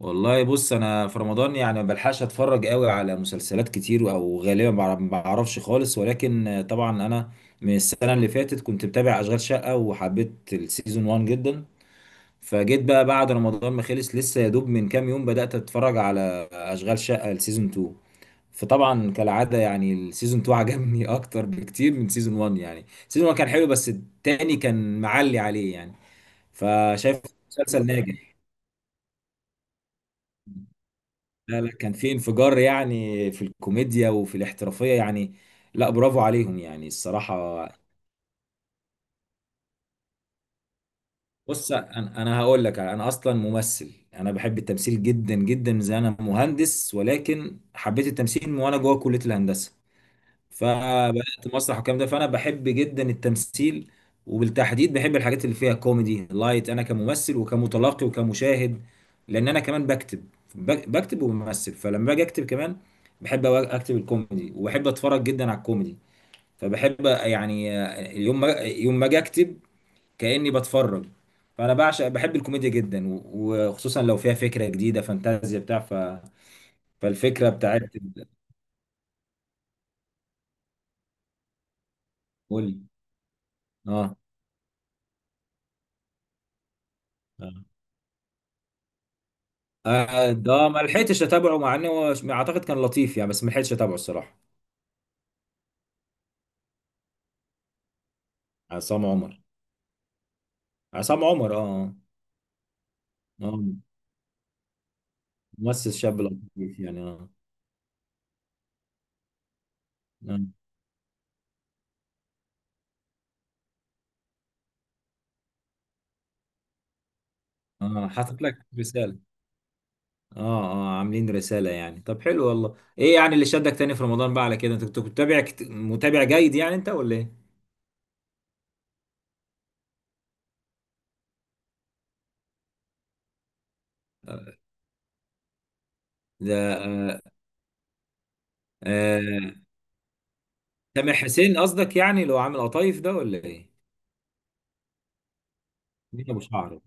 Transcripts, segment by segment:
والله، بص انا في رمضان يعني ما بلحقش اتفرج قوي على مسلسلات كتير او غالبا ما بعرفش خالص، ولكن طبعا انا من السنه اللي فاتت كنت متابع اشغال شقه وحبيت السيزون 1 جدا. فجيت بقى بعد رمضان ما خلص، لسه يا دوب من كام يوم بدات اتفرج على اشغال شقه السيزون 2. فطبعا كالعاده يعني السيزون 2 عجبني اكتر بكتير من سيزون 1، يعني سيزون 1 كان حلو بس التاني كان معلي عليه يعني. فشايف مسلسل ناجح. لا لا، كان في انفجار يعني في الكوميديا وفي الاحترافية يعني. لا، برافو عليهم يعني الصراحة. بص، انا هقول لك انا اصلا ممثل، انا بحب التمثيل جدا جدا، زي انا مهندس ولكن حبيت التمثيل من وانا جوه كلية الهندسة. فبدات مسرح والكلام ده، فانا بحب جدا التمثيل. وبالتحديد بحب الحاجات اللي فيها كوميدي لايت، انا كممثل وكمتلقي وكمشاهد، لان انا كمان بكتب. بكتب وبمثل، فلما باجي اكتب كمان بحب اكتب الكوميدي، وبحب اتفرج جدا على الكوميدي. فبحب يعني يوم ما اجي اكتب كاني بتفرج. فانا بعشق، بحب الكوميديا جدا وخصوصا لو فيها فكره جديده، فانتازيا بتاع فالفكره بتاعت. قول لي. اه. ده ما لحقتش اتابعه، مع انه هو اعتقد كان لطيف يعني، بس ما لحقتش اتابعه الصراحه. عصام عمر. عصام عمر، اه. اه. ممثل شاب لطيف يعني، اه. اه. حاطط لك رساله. اه اه، عاملين رساله يعني. طب حلو والله، ايه يعني اللي شدك تاني في رمضان بقى على كده؟ انت كنت متابع، متابع جيد يعني؟ انت ولا ايه؟ ده. آه. آه. سامح حسين قصدك يعني، اللي هو عامل قطايف ده ولا ايه؟ مين ابو شعر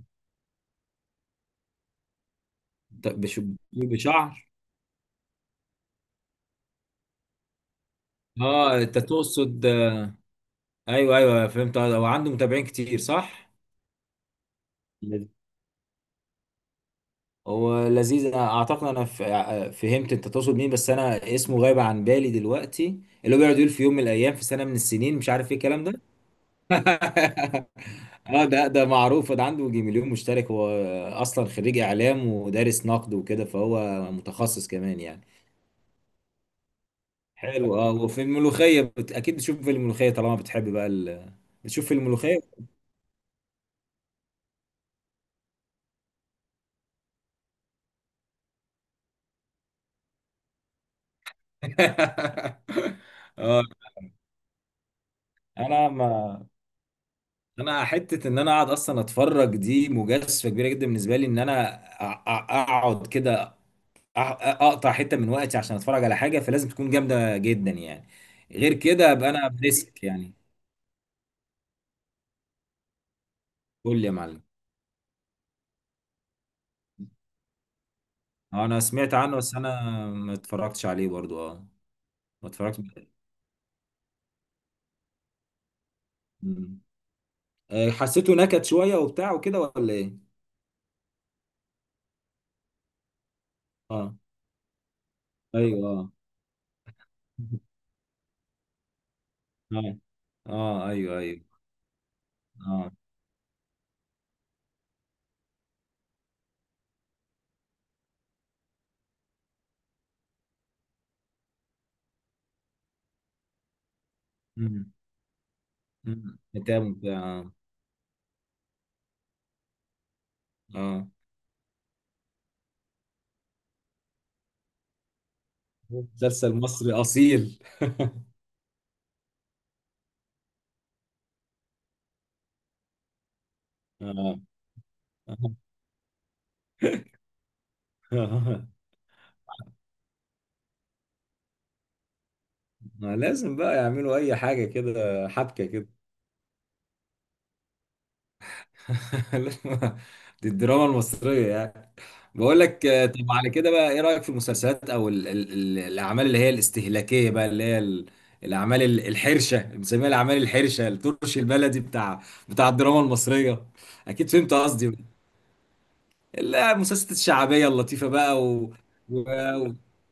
ده؟ بشعر. اه، انت تقصد. ايوه ايوه، فهمت. هو عنده متابعين كتير صح؟ لذ- هو لذيذ. انا اعتقد انا فهمت انت تقصد مين، بس انا اسمه غايب عن بالي دلوقتي. اللي هو بيقعد يقول في يوم من الايام في سنه من السنين، مش عارف ايه الكلام ده. اه، ده معروف، ده عنده يجي 1,000,000 مشترك، هو اصلا خريج اعلام ودارس نقد وكده، فهو متخصص كمان يعني. حلو، اه. وفي الملوخيه اكيد بتشوف في الملوخيه طالما بتحب بقى بتشوف في الملوخيه. اه. انا ما انا حته ان انا اقعد اصلا اتفرج دي مجازفه كبيره جدا بالنسبه لي، ان انا اقعد كده، اقطع حته من وقتي عشان اتفرج على حاجه، فلازم تكون جامده جدا يعني. غير كده ابقى انا بريسك يعني. قول لي يا معلم. انا سمعت عنه، بس انا ما اتفرجتش عليه برضو، اه. ما اتفرجتش. مم. حسيته نكت شويه وبتاع وكده ولا ايه؟ اه. ايوه اه. اه. اه ايوه ايوه. اه. مم. مم. بتاع بتاع، اه. آه. مسلسل مصري اصيل. آه. آه. ما لازم بقى يعملوا اي حاجه كده، حبكه كده. لازم- دي الدراما المصريه يعني. بقول لك طب على كده بقى، ايه رايك في المسلسلات او ال الاعمال اللي هي الاستهلاكيه بقى، اللي هي الاعمال الحرشه، بنسميها الاعمال الحرشه، الترش البلدي، بتاع الدراما المصريه؟ اكيد فهمت قصدي. لا، مسلسلات الشعبيه اللطيفه بقى و...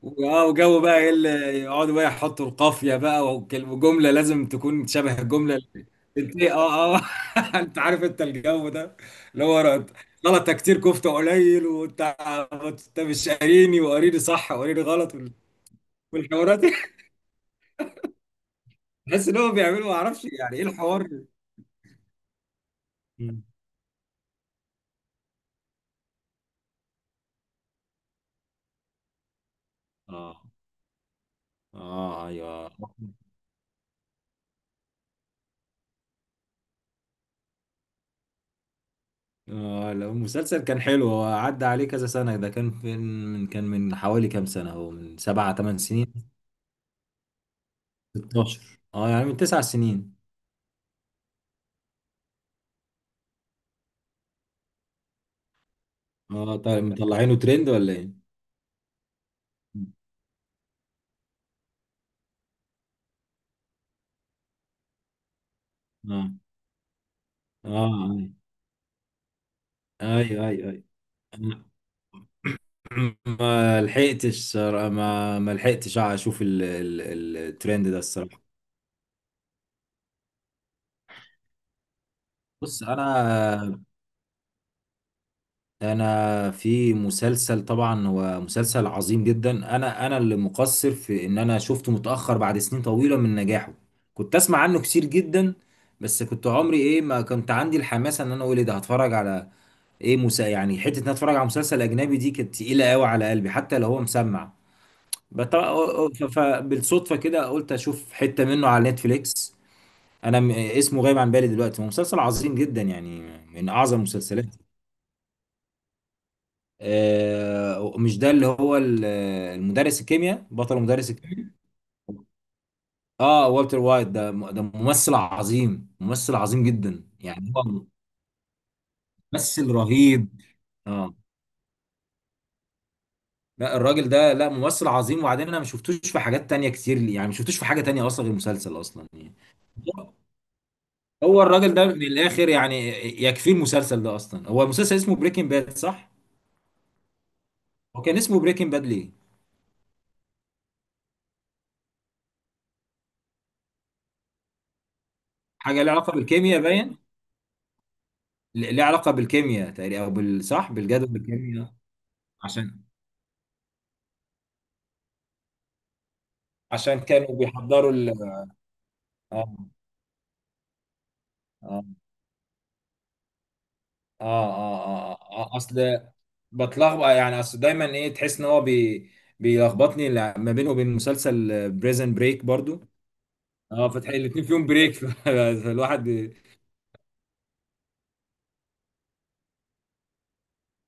وجو بقى، ايه اللي يقعدوا بقى يحطوا القافيه بقى، والكلمه جمله لازم تكون شبه الجمله اللي اه اه. انت عارف انت الجو ده، اللي هو غلطه كتير كفته قليل وانت. انت مش قاريني، وقاريني صح وقاريني غلط والحوارات دي. بحس ان هم بيعملوا، ما اعرفش يعني ايه الحوار. مم. اه اه ايوه. آه لا، المسلسل كان حلو، هو عدى عليه كذا سنة، ده كان في، من كان، من حوالي كام سنة، هو من 7 8 سنين. 16، اه يعني من 9 سنين. اه، طيب مطلعينه ترند ولا ايه؟ اه اه، اي اي اي. أنا ما لحقتش صراحة- ما لحقتش اشوف الترند ده الصراحة. بص، انا في مسلسل طبعا، هو مسلسل عظيم جدا، انا اللي مقصر في ان انا شفته متاخر بعد سنين طويله من نجاحه. كنت اسمع عنه كتير جدا، بس كنت عمري ايه ما كنت عندي الحماسه ان انا اقول ايه ده، هتفرج على ايه مسا يعني، حته ان أنا اتفرج على مسلسل اجنبي دي كانت تقيله قوي على قلبي حتى لو هو مسمع. فبالصدفه كده قلت اشوف حته منه على نتفليكس. انا اسمه غايب عن بالي دلوقتي، هو مسلسل عظيم جدا يعني، من اعظم المسلسلات. مش ده اللي هو المدرس الكيمياء، بطل مدرس الكيمياء؟ اه، والتر وايت، ده ممثل عظيم، ممثل عظيم جدا يعني هو. ممثل رهيب. اه، لا الراجل ده، لا ممثل عظيم. وبعدين انا ما شفتوش في حاجات تانية كتير يعني، ما شفتوش في حاجة تانية اصلا غير المسلسل اصلا يعني. هو الراجل ده من الاخر يعني، يكفي المسلسل ده. اصلا هو المسلسل اسمه بريكنج باد صح؟ هو كان اسمه بريكنج باد ليه؟ حاجة ليها علاقة بالكيمياء باين. ليه علاقة بالكيمياء تقريبا، او بال، صح، بالجدول الكيمياء. عشان عشان كانوا بيحضروا ال. اه اه اه اه، آه، آه. اصل بتلخبط يعني، اصل دايما ايه؟ تحس ان هو بي بيلخبطني، ما بينه وبين مسلسل بريزن بريك برضو. اه، فتح الاتنين فيهم بريك. فالواحد بي-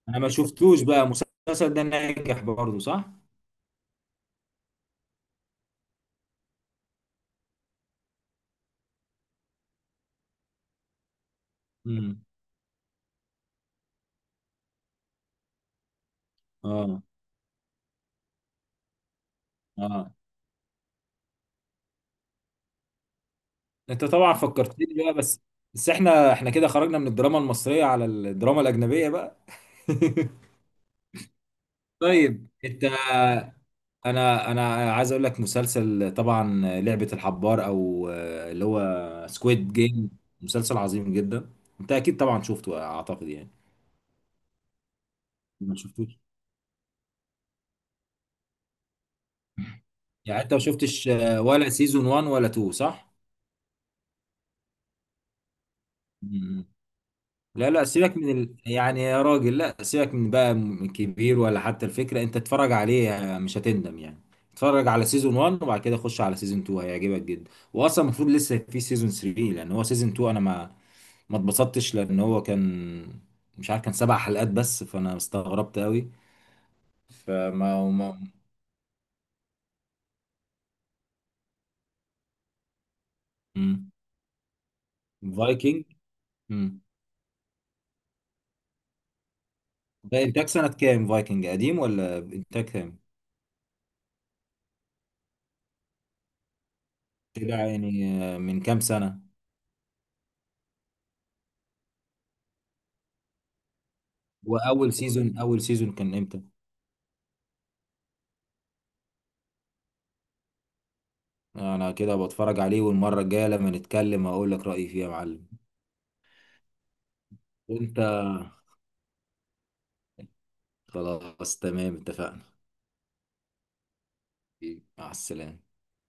انا ما شفتوش بقى المسلسل ده، ناجح برضو صح؟ امم. اه اه، انت طبعا فكرتني بقى، بس احنا كده خرجنا من الدراما المصرية على الدراما الأجنبية بقى. طيب، انت. انا عايز اقول لك، مسلسل طبعا لعبة الحبار، او اللي هو سكويد جيم، مسلسل عظيم جدا. انت اكيد طبعا شفته اعتقد يعني. ما شفتوش. يعني انت، ما شفتش ولا سيزون 1 ولا 2 صح؟ مم. لا لا، سيبك من يعني يا راجل، لا سيبك من بقى، من كبير ولا حتى الفكرة، انت اتفرج عليه، مش هتندم يعني. اتفرج على سيزون 1، وبعد كده خش على سيزون 2، هيعجبك جدا. واصلا المفروض لسه في سيزون 3، لان هو سيزون 2 انا ما اتبسطتش، لان هو كان، مش عارف، كان 7 حلقات بس، فانا استغربت قوي. فما ما مم. فايكنج. مم. ده انتاج سنة كام؟ فايكنج قديم ولا انتاج كام؟ كده يعني. من كام سنة. واول سيزون، اول سيزون كان امتى؟ انا كده بتفرج عليه، والمرة الجاية لما نتكلم هقول لك رأيي فيه يا معلم. وانت. خلاص، تمام، اتفقنا. مع السلامة.